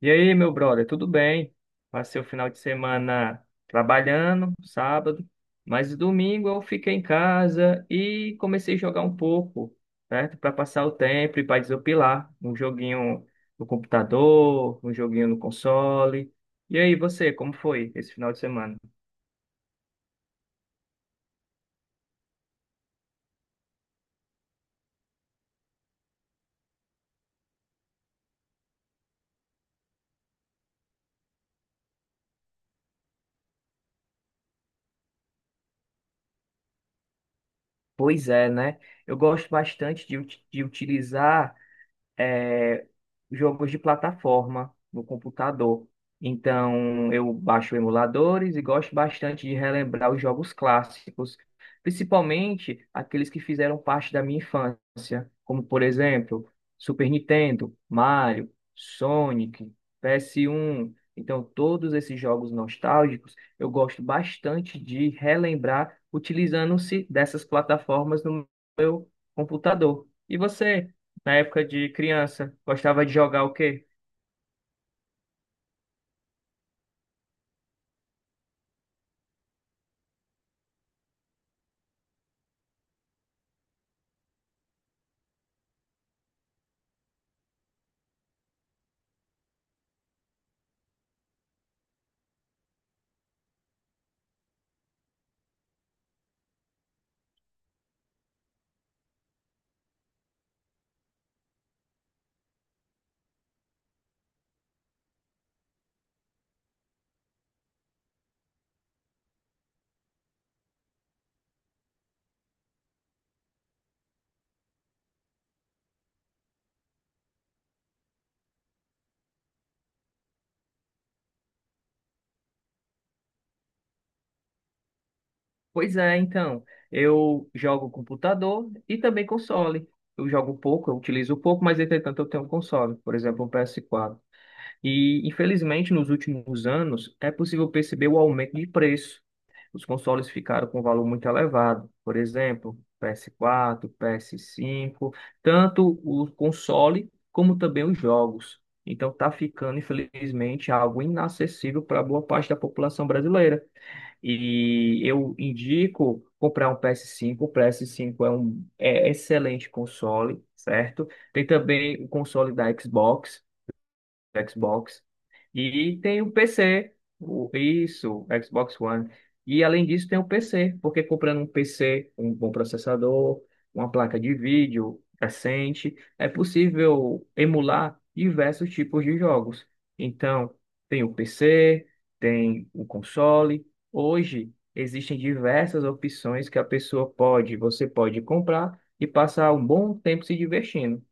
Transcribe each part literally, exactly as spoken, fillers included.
E aí, meu brother, tudo bem? Passei o final de semana trabalhando, sábado, mas domingo eu fiquei em casa e comecei a jogar um pouco, certo? Para passar o tempo e para desopilar, um joguinho no computador, um joguinho no console. E aí, você, como foi esse final de semana? Pois é, né? Eu gosto bastante de, ut- de utilizar é, jogos de plataforma no computador. Então, eu baixo emuladores e gosto bastante de relembrar os jogos clássicos, principalmente aqueles que fizeram parte da minha infância, como, por exemplo, Super Nintendo, Mario, Sonic, P S um. Então, todos esses jogos nostálgicos, eu gosto bastante de relembrar utilizando-se dessas plataformas no meu computador. E você? Na época de criança, gostava de jogar o quê? Pois é, então, eu jogo computador e também console. Eu jogo pouco, eu utilizo pouco, mas entretanto eu tenho um console, por exemplo, um P S quatro. E, infelizmente, nos últimos anos, é possível perceber o aumento de preço. Os consoles ficaram com um valor muito elevado. Por exemplo, P S quatro, P S cinco, tanto o console como também os jogos. Então, está ficando, infelizmente, algo inacessível para boa parte da população brasileira. E eu indico comprar um P S cinco. O P S cinco é um é excelente console, certo? Tem também o console da Xbox Xbox. E tem o P C, o- isso, Xbox One. E além disso tem o P C, porque comprando um P C, um bom processador, uma placa de vídeo decente, é possível emular diversos tipos de jogos. Então, tem o P C, tem o console. Hoje existem diversas opções que a pessoa pode, você pode comprar e passar um bom tempo se divertindo.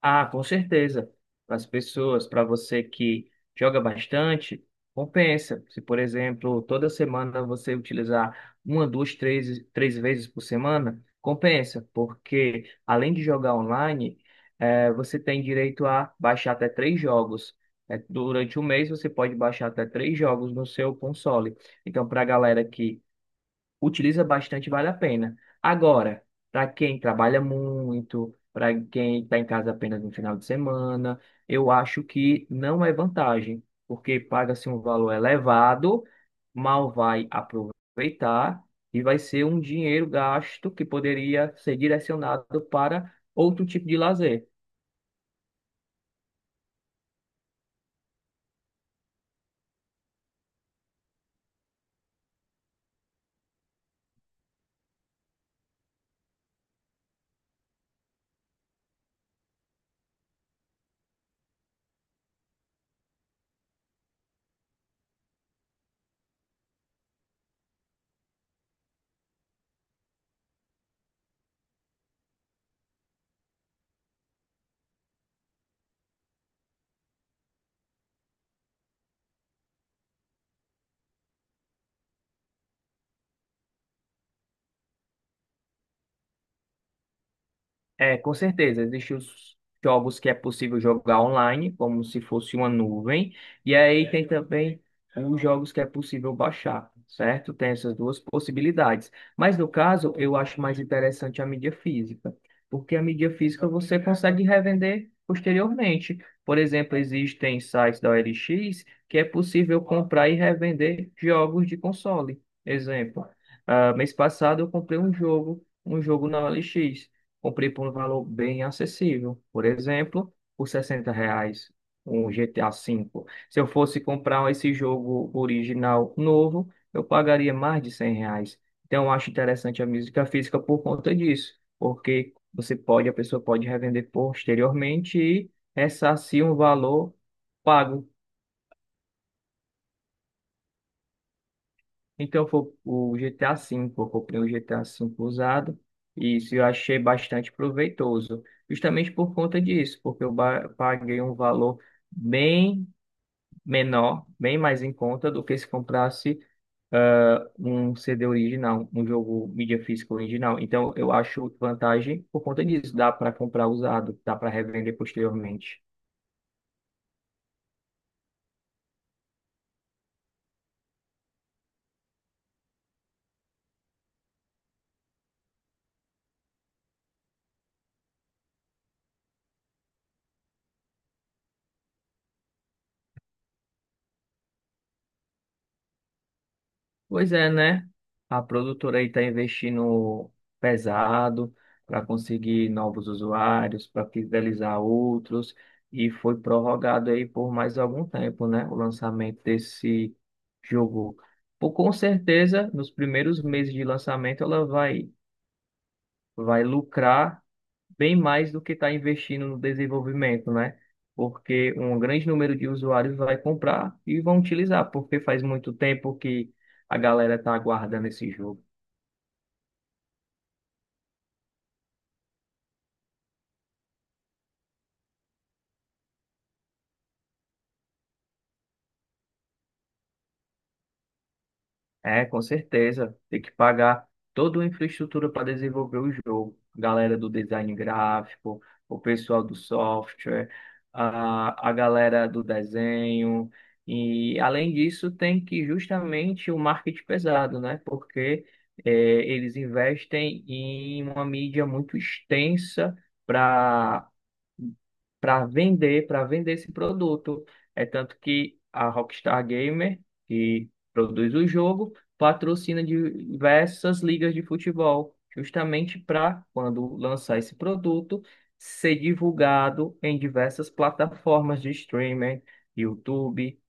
Ah, com certeza. Para as pessoas, para você que joga bastante, compensa. Se, por exemplo, toda semana você utilizar uma, duas, três, três vezes por semana, compensa, porque além de jogar online, eh, você tem direito a baixar até três jogos. Eh, durante um mês, você pode baixar até três jogos no seu console. Então, para a galera que utiliza bastante, vale a pena. Agora, para quem trabalha muito, para quem está em casa apenas no final de semana, eu acho que não é vantagem, porque paga-se um valor elevado, mal vai aproveitar e vai ser um dinheiro gasto que poderia ser direcionado para outro tipo de lazer. É, com certeza. Existem os jogos que é possível jogar online, como se fosse uma nuvem. E aí tem também os jogos que é possível baixar, certo? Tem essas duas possibilidades. Mas no caso, eu acho mais interessante a mídia física, porque a mídia física você consegue revender posteriormente. Por exemplo, existem sites da O L X que é possível comprar e revender jogos de console. Exemplo, ah, mês passado eu comprei um jogo, um jogo na O L X. Comprei por um valor bem acessível. Por exemplo, por sessenta reais um G T A V. Se eu fosse comprar esse jogo original novo, eu pagaria mais de cem reais. Então, eu acho interessante a música física por conta disso, porque você pode, a pessoa pode revender posteriormente e ressarcir um valor pago. Então foi o G T A V, eu comprei o G T A V usado e isso eu achei bastante proveitoso, justamente por conta disso, porque eu ba- paguei um valor bem menor, bem mais em conta do que se comprasse, ah, um C D original, um jogo mídia física original. Então eu acho vantagem por conta disso, dá para comprar usado, dá para revender posteriormente. Pois é, né? A produtora aí está investindo pesado para conseguir novos usuários, para fidelizar outros, e foi prorrogado aí por mais algum tempo, né? O lançamento desse jogo. Por, com certeza, nos primeiros meses de lançamento, ela vai, vai lucrar bem mais do que está investindo no desenvolvimento, né? Porque um grande número de usuários vai comprar e vão utilizar, porque faz muito tempo que a galera está aguardando esse jogo. É, com certeza. Tem que pagar toda a infraestrutura para desenvolver o jogo. Galera do design gráfico, o pessoal do software, a, a galera do desenho. E, além disso, tem que justamente o marketing pesado, né? Porque é, eles investem em uma mídia muito extensa para vender, para vender esse produto. É tanto que a Rockstar Gamer, que produz o jogo, patrocina diversas ligas de futebol, justamente para, quando lançar esse produto, ser divulgado em diversas plataformas de streaming, YouTube,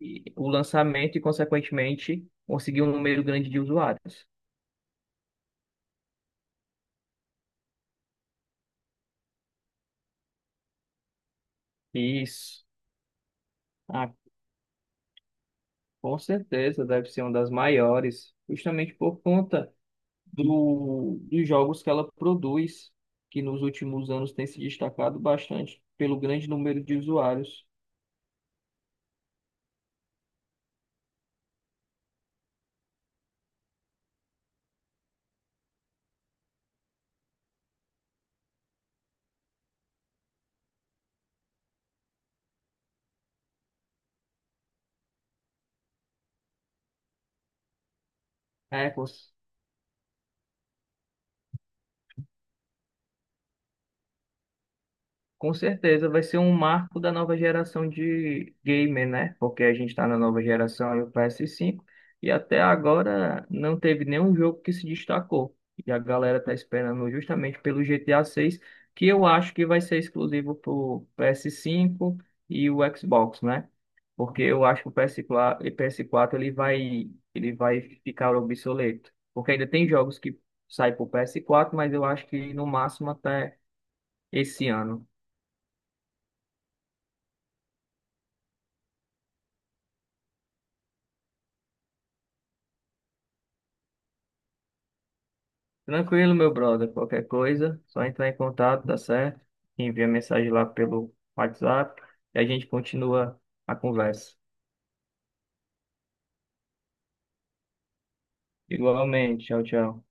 e o lançamento e, consequentemente, conseguir um número grande de usuários. Isso. Ah, com certeza deve ser uma das maiores, justamente por conta do, dos jogos que ela produz, que nos últimos anos tem se destacado bastante pelo grande número de usuários. É, com Com certeza vai ser um marco da nova geração de gamer, né? Porque a gente está na nova geração e o P S cinco e até agora não teve nenhum jogo que se destacou. E a galera tá esperando justamente pelo G T A seis, que eu acho que vai ser exclusivo pro P S cinco e o Xbox, né? Porque eu acho que o P S quatro, e P S quatro ele vai ele vai ficar obsoleto, porque ainda tem jogos que saem pro P S quatro, mas eu acho que no máximo até esse ano. Tranquilo, meu brother. Qualquer coisa, só entrar em contato, dá certo? Envia mensagem lá pelo WhatsApp e a gente continua a conversa. Igualmente, tchau, tchau.